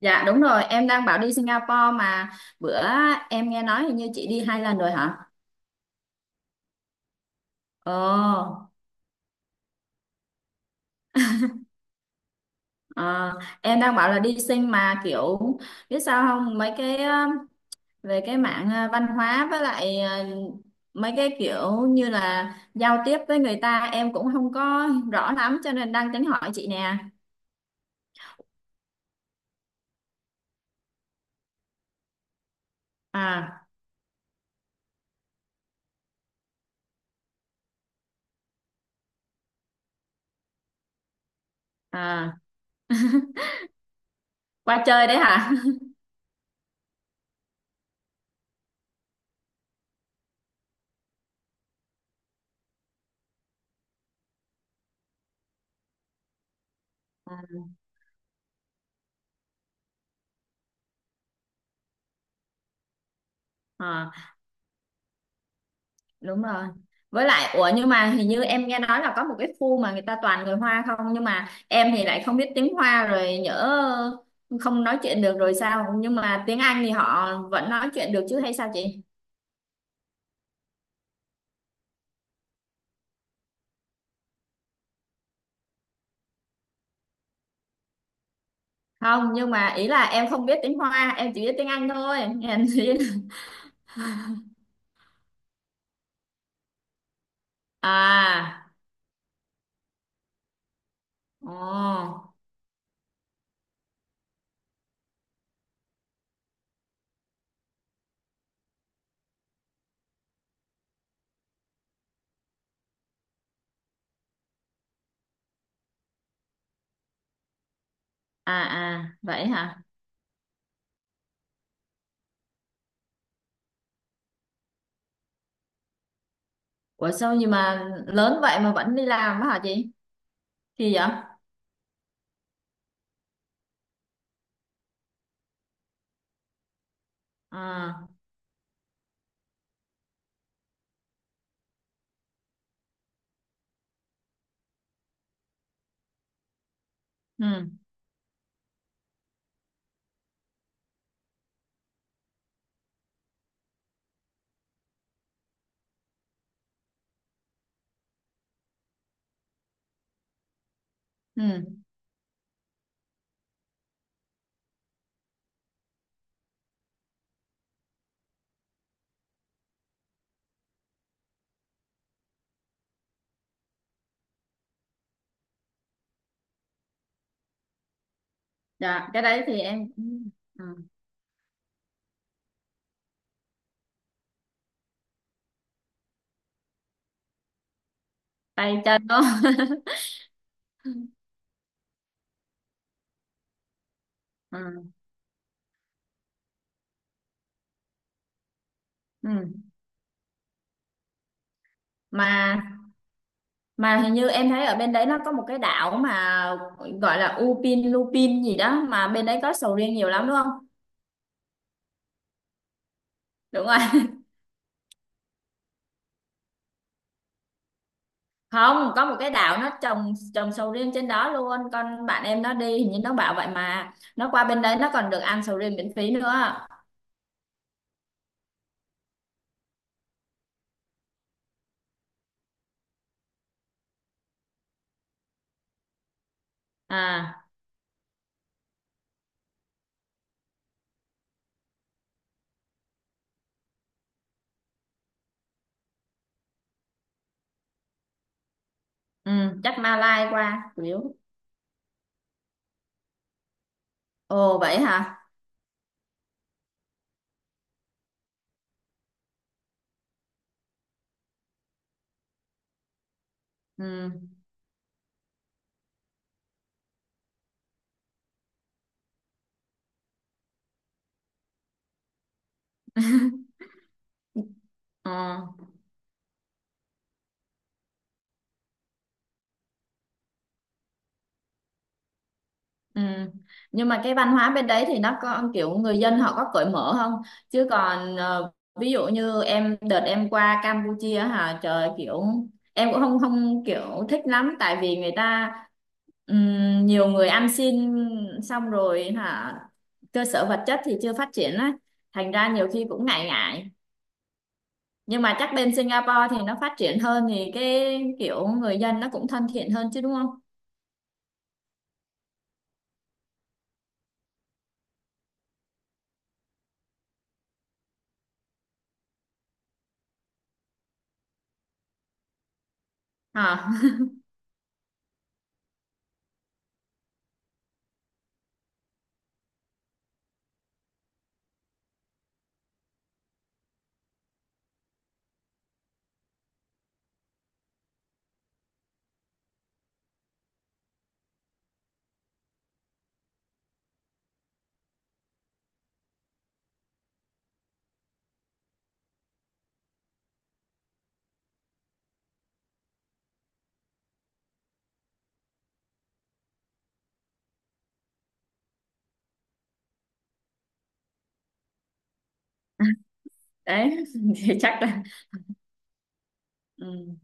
Dạ đúng rồi, em đang bảo đi Singapore mà bữa em nghe nói hình như chị đi hai lần rồi hả? Ồ, ờ, em đang bảo là đi Sing mà kiểu biết sao không mấy về văn hóa với mấy cái kiểu như là giao tiếp với người ta em cũng không có rõ lắm cho nên đang tính hỏi chị nè. À, à, qua chơi đấy hả? À. Ờ. Đúng rồi với lại ủa nhưng mà hình như em nghe nói là có một cái khu mà người ta toàn người Hoa không nhưng mà em thì lại không biết tiếng Hoa rồi nhỡ không nói chuyện được rồi sao nhưng mà tiếng Anh thì họ vẫn nói chuyện được chứ hay sao chị không nhưng mà ý là em không biết tiếng Hoa em chỉ biết tiếng Anh thôi nghe chị. À, ồ, à à vậy hả? Ủa sao nhưng mà lớn vậy mà vẫn đi làm á hả chị, kỳ vậy. À, ừ, ừ, dạ cái đấy thì em ừ. Tay chân đó ừ. Ừ. mà mà hình như em thấy ở bên đấy nó có một cái đảo mà gọi là Upin Lupin gì đó mà bên đấy có sầu riêng nhiều lắm đúng không? Đúng rồi không, có một cái đảo nó trồng trồng sầu riêng trên đó luôn, con bạn em nó đi hình như nó bảo vậy, mà nó qua bên đấy nó còn được ăn sầu riêng miễn phí nữa. À, ừ, chắc Malai qua chủ yếu. Ồ vậy hả? Ừ. Ừ. Ừ. Nhưng mà cái văn hóa bên đấy thì nó có kiểu người dân họ có cởi mở không? Chứ còn ví dụ như em đợt em qua Campuchia hả trời, kiểu em cũng không, không kiểu thích lắm tại vì người ta nhiều người ăn xin xong rồi hả, cơ sở vật chất thì chưa phát triển á, thành ra nhiều khi cũng ngại ngại, nhưng mà chắc bên Singapore thì nó phát triển hơn thì cái kiểu người dân nó cũng thân thiện hơn chứ đúng không? Hả? đấy thì chắc là ừ.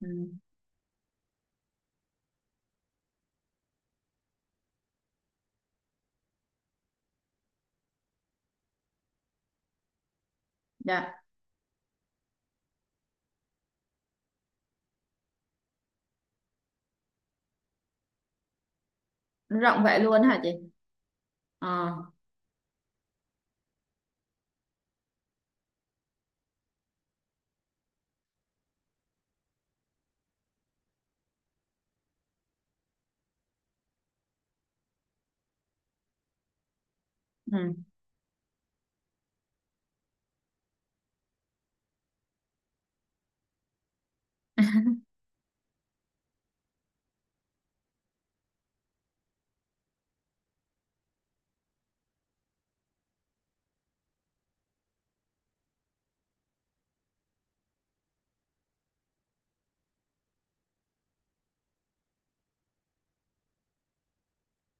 Ừ, dạ nó rộng vậy luôn hả chị? Ờ, ừ,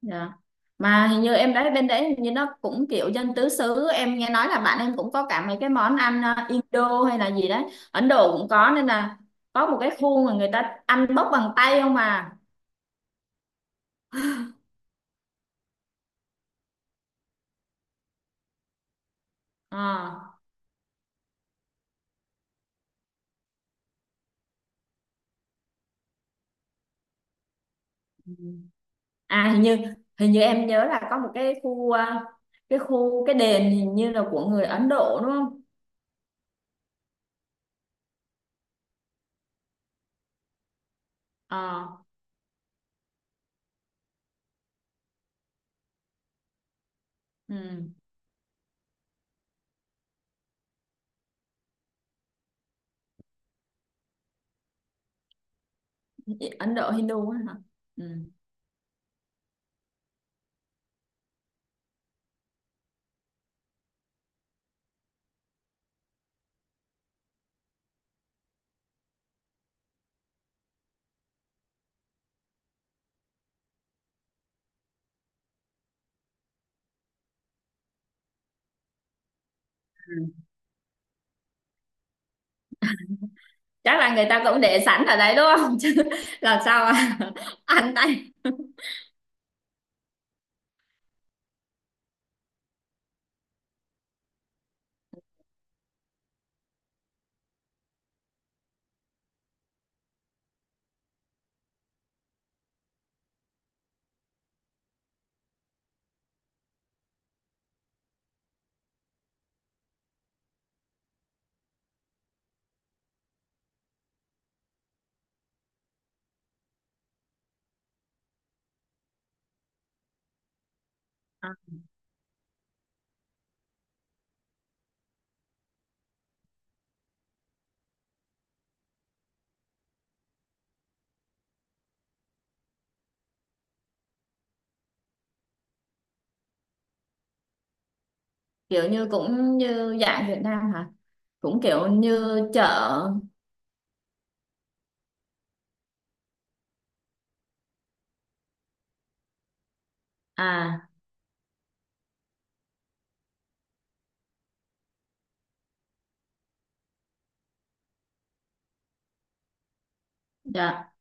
dạ mà hình như em đấy bên đấy hình như nó cũng kiểu dân tứ xứ, em nghe nói là bạn em cũng có cả mấy cái món ăn Indo hay là gì đấy, Ấn Độ cũng có, nên là có một cái khu mà người ta ăn bốc bằng tay không mà. Ờ, à hình như, hình như em nhớ là có một cái khu cái đền hình như là của người Ấn Độ đúng không? Ờ, ừ. Ấn Độ Hindu á hả? Ừ. Chắc là người ta cũng để sẵn ở đấy đúng không chứ làm sao mà ăn tay. À, kiểu như cũng như dạng Việt Nam hả, cũng kiểu như chợ. À, dạ,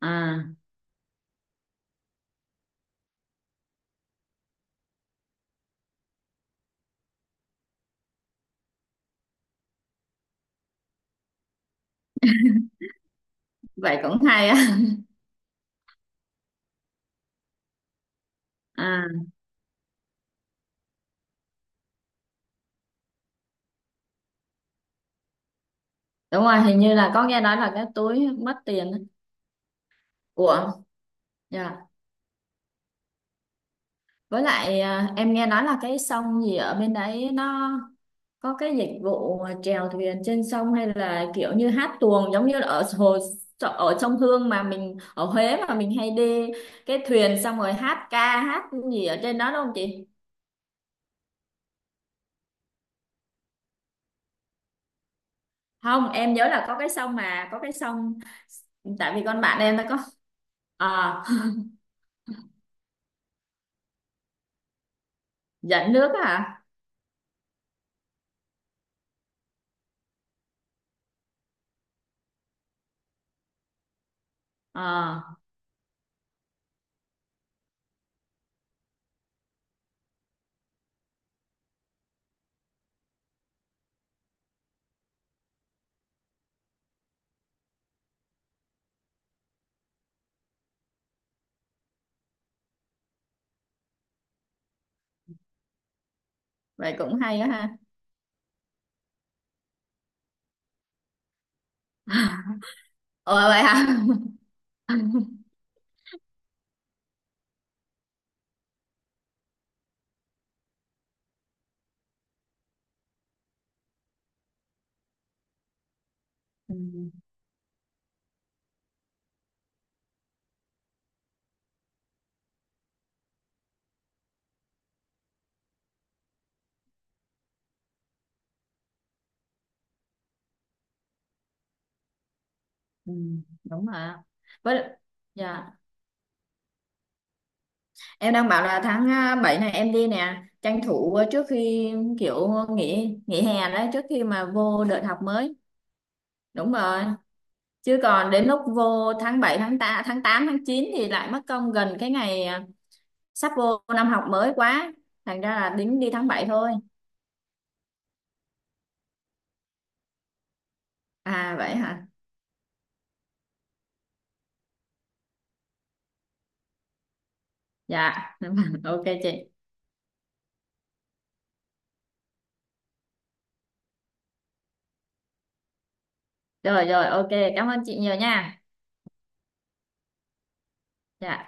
à vậy cũng hay á. À, đúng rồi, hình như là có nghe nói là cái túi mất tiền á. Của, dạ với lại em nghe nói là cái sông gì ở bên đấy nó có cái dịch vụ mà chèo thuyền trên sông hay là kiểu như hát tuồng, giống như là ở hồ, ở sông Hương mà mình ở Huế mà mình hay đi cái thuyền xong rồi hát, ca hát gì ở trên đó đúng không chị? Không, em nhớ là có cái sông mà có cái sông tại vì con bạn em nó có, à, dẫn nước á hả? À, vậy cũng hay á ha. Ờ vậy hả? Ừ, ừ, đúng rồi ạ. Với dạ em đang bảo là tháng 7 này em đi nè, tranh thủ trước khi kiểu nghỉ nghỉ hè đấy, trước khi mà vô đợt học mới. Đúng rồi. Chứ còn đến lúc vô tháng 7 tháng 8 tháng 8, tháng 9 thì lại mất công gần cái ngày sắp vô năm học mới quá. Thành ra là tính đi tháng bảy thôi. À vậy hả? Dạ. Ok chị. Rồi rồi, ok. Cảm ơn chị nhiều nha. Dạ.